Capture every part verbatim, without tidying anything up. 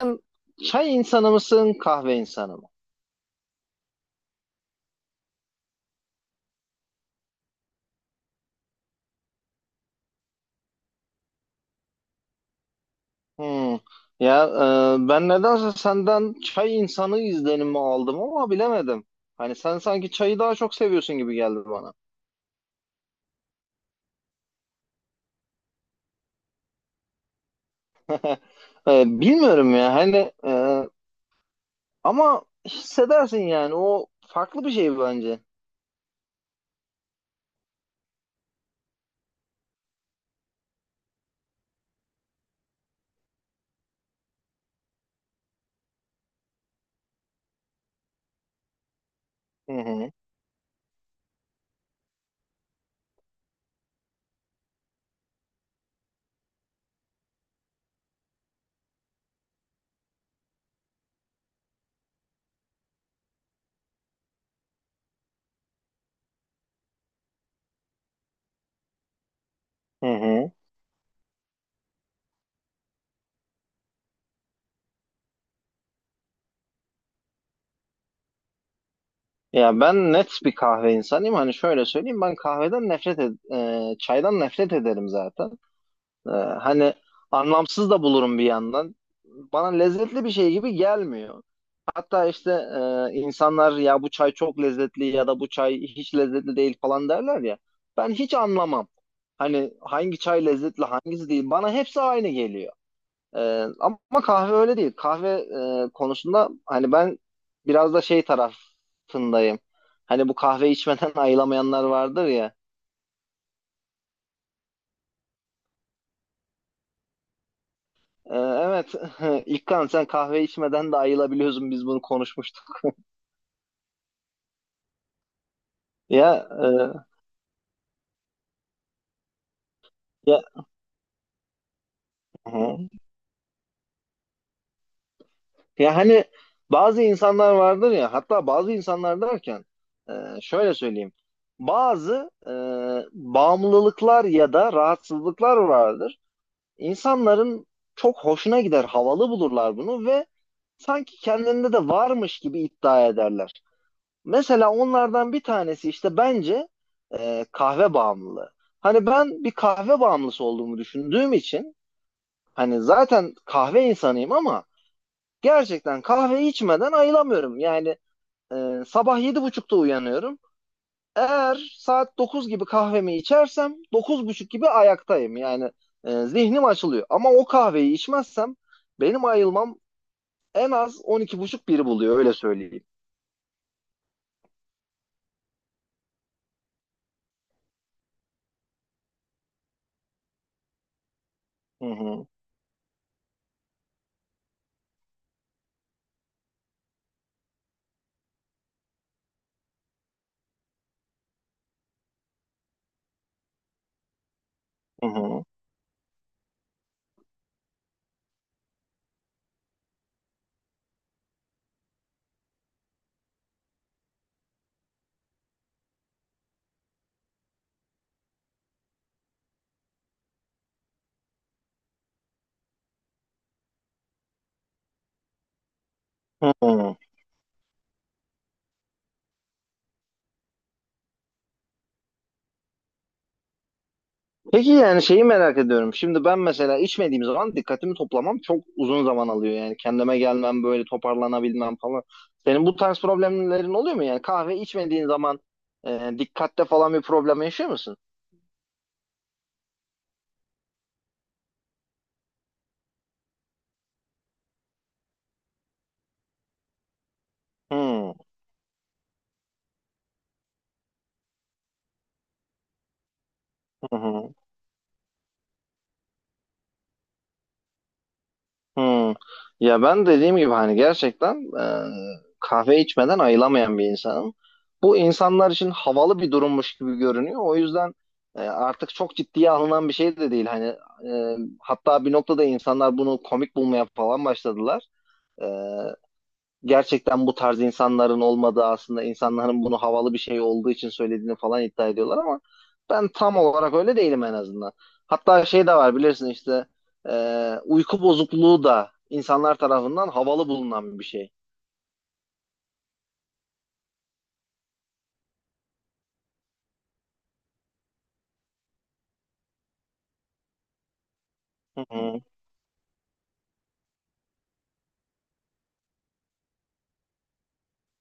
Sen çay insanı mısın, kahve insanı mı? Hmm. Ya e, ben nedense senden çay insanı izlenimi aldım ama bilemedim. Hani sen sanki çayı daha çok seviyorsun gibi geldi bana. E, bilmiyorum ya hani e, ama hissedersin yani o farklı bir şey bence. Hı hı. Hı hı. Ya ben net bir kahve insanıyım. Hani şöyle söyleyeyim, ben kahveden nefret ed e, çaydan nefret ederim zaten. Ee, Hani anlamsız da bulurum bir yandan. Bana lezzetli bir şey gibi gelmiyor. Hatta işte e, insanlar ya bu çay çok lezzetli ya da bu çay hiç lezzetli değil falan derler ya. Ben hiç anlamam. Hani hangi çay lezzetli hangisi değil. Bana hepsi aynı geliyor. Ee, ama kahve öyle değil. Kahve e, konusunda hani ben biraz da şey tarafındayım. Hani bu kahve içmeden ayılamayanlar vardır ya. Ee, Evet, İlkan, sen kahve içmeden de ayılabiliyorsun. Biz bunu konuşmuştuk. Ya e, ya hı. ya hani bazı insanlar vardır ya. Hatta bazı insanlar derken e, şöyle söyleyeyim. Bazı e, bağımlılıklar ya da rahatsızlıklar vardır. İnsanların çok hoşuna gider, havalı bulurlar bunu ve sanki kendinde de varmış gibi iddia ederler. Mesela onlardan bir tanesi işte bence e, kahve bağımlılığı. Hani ben bir kahve bağımlısı olduğumu düşündüğüm için hani zaten kahve insanıyım ama gerçekten kahve içmeden ayılamıyorum. Yani e, sabah yedi buçukta uyanıyorum. Eğer saat dokuz gibi kahvemi içersem dokuz buçuk gibi ayaktayım. Yani e, zihnim açılıyor. Ama o kahveyi içmezsem benim ayılmam en az on iki buçuk biri buluyor, öyle söyleyeyim. Hı hı, hı hı, hı hı. Peki, yani şeyi merak ediyorum. Şimdi ben mesela içmediğim zaman dikkatimi toplamam çok uzun zaman alıyor. Yani kendime gelmem, böyle toparlanabilmem falan. Senin bu tarz problemlerin oluyor mu? Yani kahve içmediğin zaman e, dikkatte falan bir problem yaşıyor musun? Hmm. Hmm. Ya ben dediğim gibi hani gerçekten e, kahve içmeden ayılamayan bir insanım. Bu insanlar için havalı bir durummuş gibi görünüyor. O yüzden e, artık çok ciddiye alınan bir şey de değil. Hani e, hatta bir noktada insanlar bunu komik bulmaya falan başladılar. E, Gerçekten bu tarz insanların olmadığı, aslında insanların bunu havalı bir şey olduğu için söylediğini falan iddia ediyorlar ama ben tam olarak öyle değilim en azından. Hatta şey de var, bilirsin işte, e, uyku bozukluğu da insanlar tarafından havalı bulunan bir şey. Hı hı.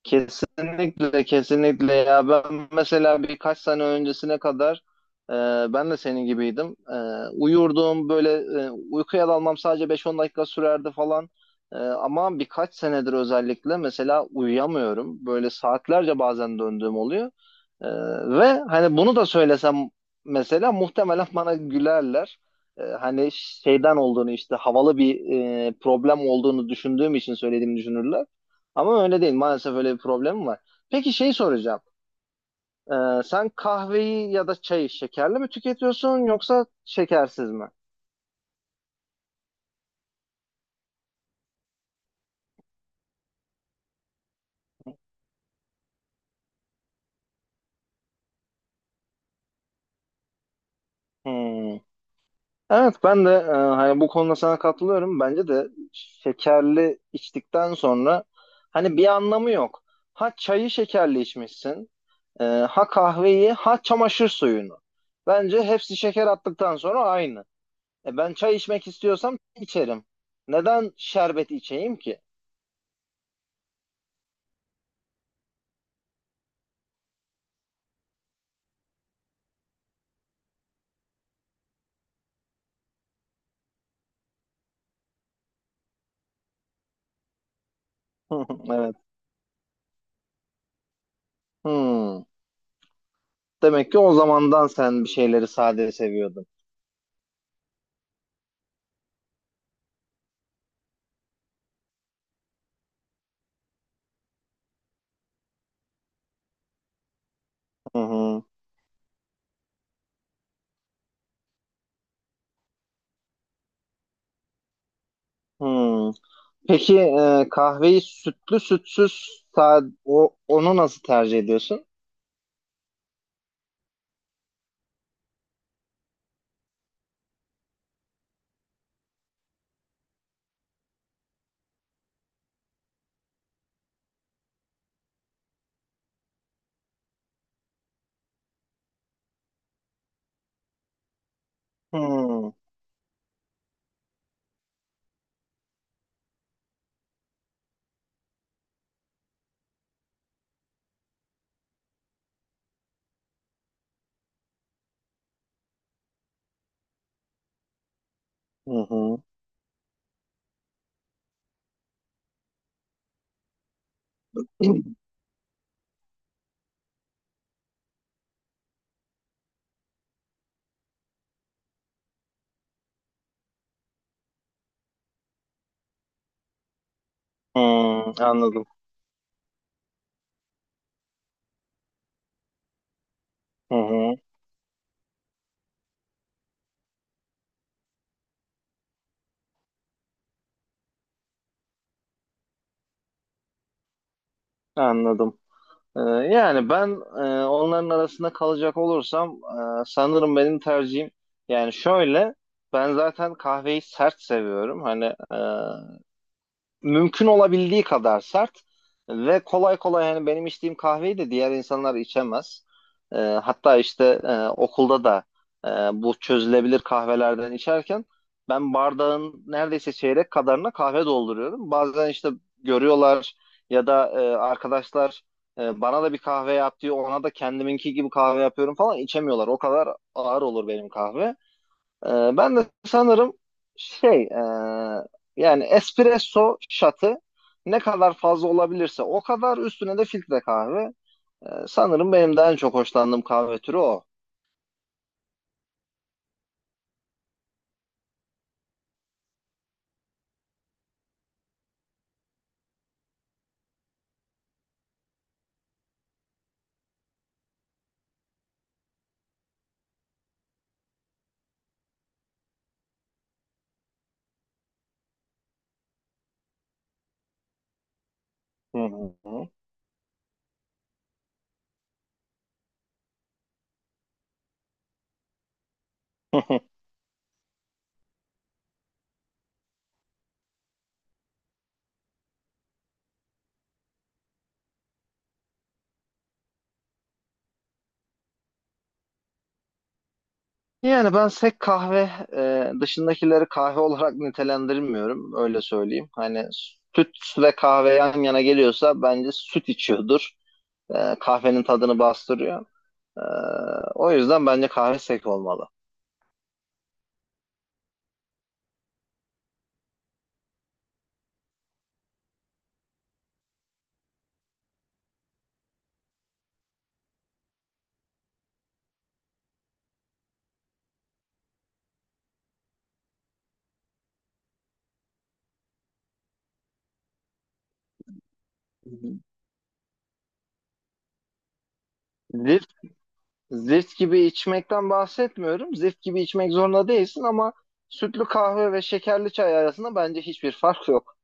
Kesinlikle, kesinlikle. Ya ben mesela birkaç sene öncesine kadar e, ben de senin gibiydim. E, uyurdum böyle, e, uykuya dalmam sadece beş on dakika sürerdi falan. E, ama birkaç senedir özellikle mesela uyuyamıyorum. Böyle saatlerce bazen döndüğüm oluyor. Ee, Ve hani bunu da söylesem mesela muhtemelen bana gülerler. Ee, hani şeyden olduğunu, işte havalı bir e, problem olduğunu düşündüğüm için söylediğimi düşünürler. Ama öyle değil. Maalesef öyle bir problemim var. Peki, şey soracağım. Ee, sen kahveyi ya da çayı şekerli mi tüketiyorsun, yoksa şekersiz mi? Hmm. Evet, ben de e, hani bu konuda sana katılıyorum. Bence de şekerli içtikten sonra hani bir anlamı yok. Ha çayı şekerli içmişsin. Ee, ha kahveyi, ha çamaşır suyunu. Bence hepsi şeker attıktan sonra aynı. E ben çay içmek istiyorsam çay içerim. Neden şerbet içeyim ki? Evet. Hmm. Demek ki o zamandan sen bir şeyleri sade seviyordun. Hı hı. Hmm. Peki, e, kahveyi sütlü, sütsüz, sade, o, onu nasıl tercih ediyorsun? Hmm. Hı hı. Hmm, anladım. Hı hı. Anladım. Ee, Yani ben e, onların arasında kalacak olursam e, sanırım benim tercihim, yani şöyle, ben zaten kahveyi sert seviyorum. Hani e, mümkün olabildiği kadar sert ve kolay kolay yani benim içtiğim kahveyi de diğer insanlar içemez. Ee, Hatta işte e, okulda da e, bu çözülebilir kahvelerden içerken ben bardağın neredeyse çeyrek kadarına kahve dolduruyorum. Bazen işte görüyorlar, ya da e, arkadaşlar e, bana da bir kahve yap diyor, ona da kendiminki gibi kahve yapıyorum, falan, içemiyorlar. O kadar ağır olur benim kahve. Ee, ben de sanırım şey, e, yani espresso şatı ne kadar fazla olabilirse, o kadar üstüne de filtre kahve. Ee, sanırım benim de en çok hoşlandığım kahve türü o. Hı hı. Yani ben sek kahve e, dışındakileri kahve olarak nitelendirmiyorum, öyle söyleyeyim. Hani süt ve kahve yan yana geliyorsa bence süt içiyordur. E, kahvenin tadını bastırıyor. E, O yüzden bence kahve sek olmalı. Zift gibi içmekten bahsetmiyorum. Zift gibi içmek zorunda değilsin ama sütlü kahve ve şekerli çay arasında bence hiçbir fark yok.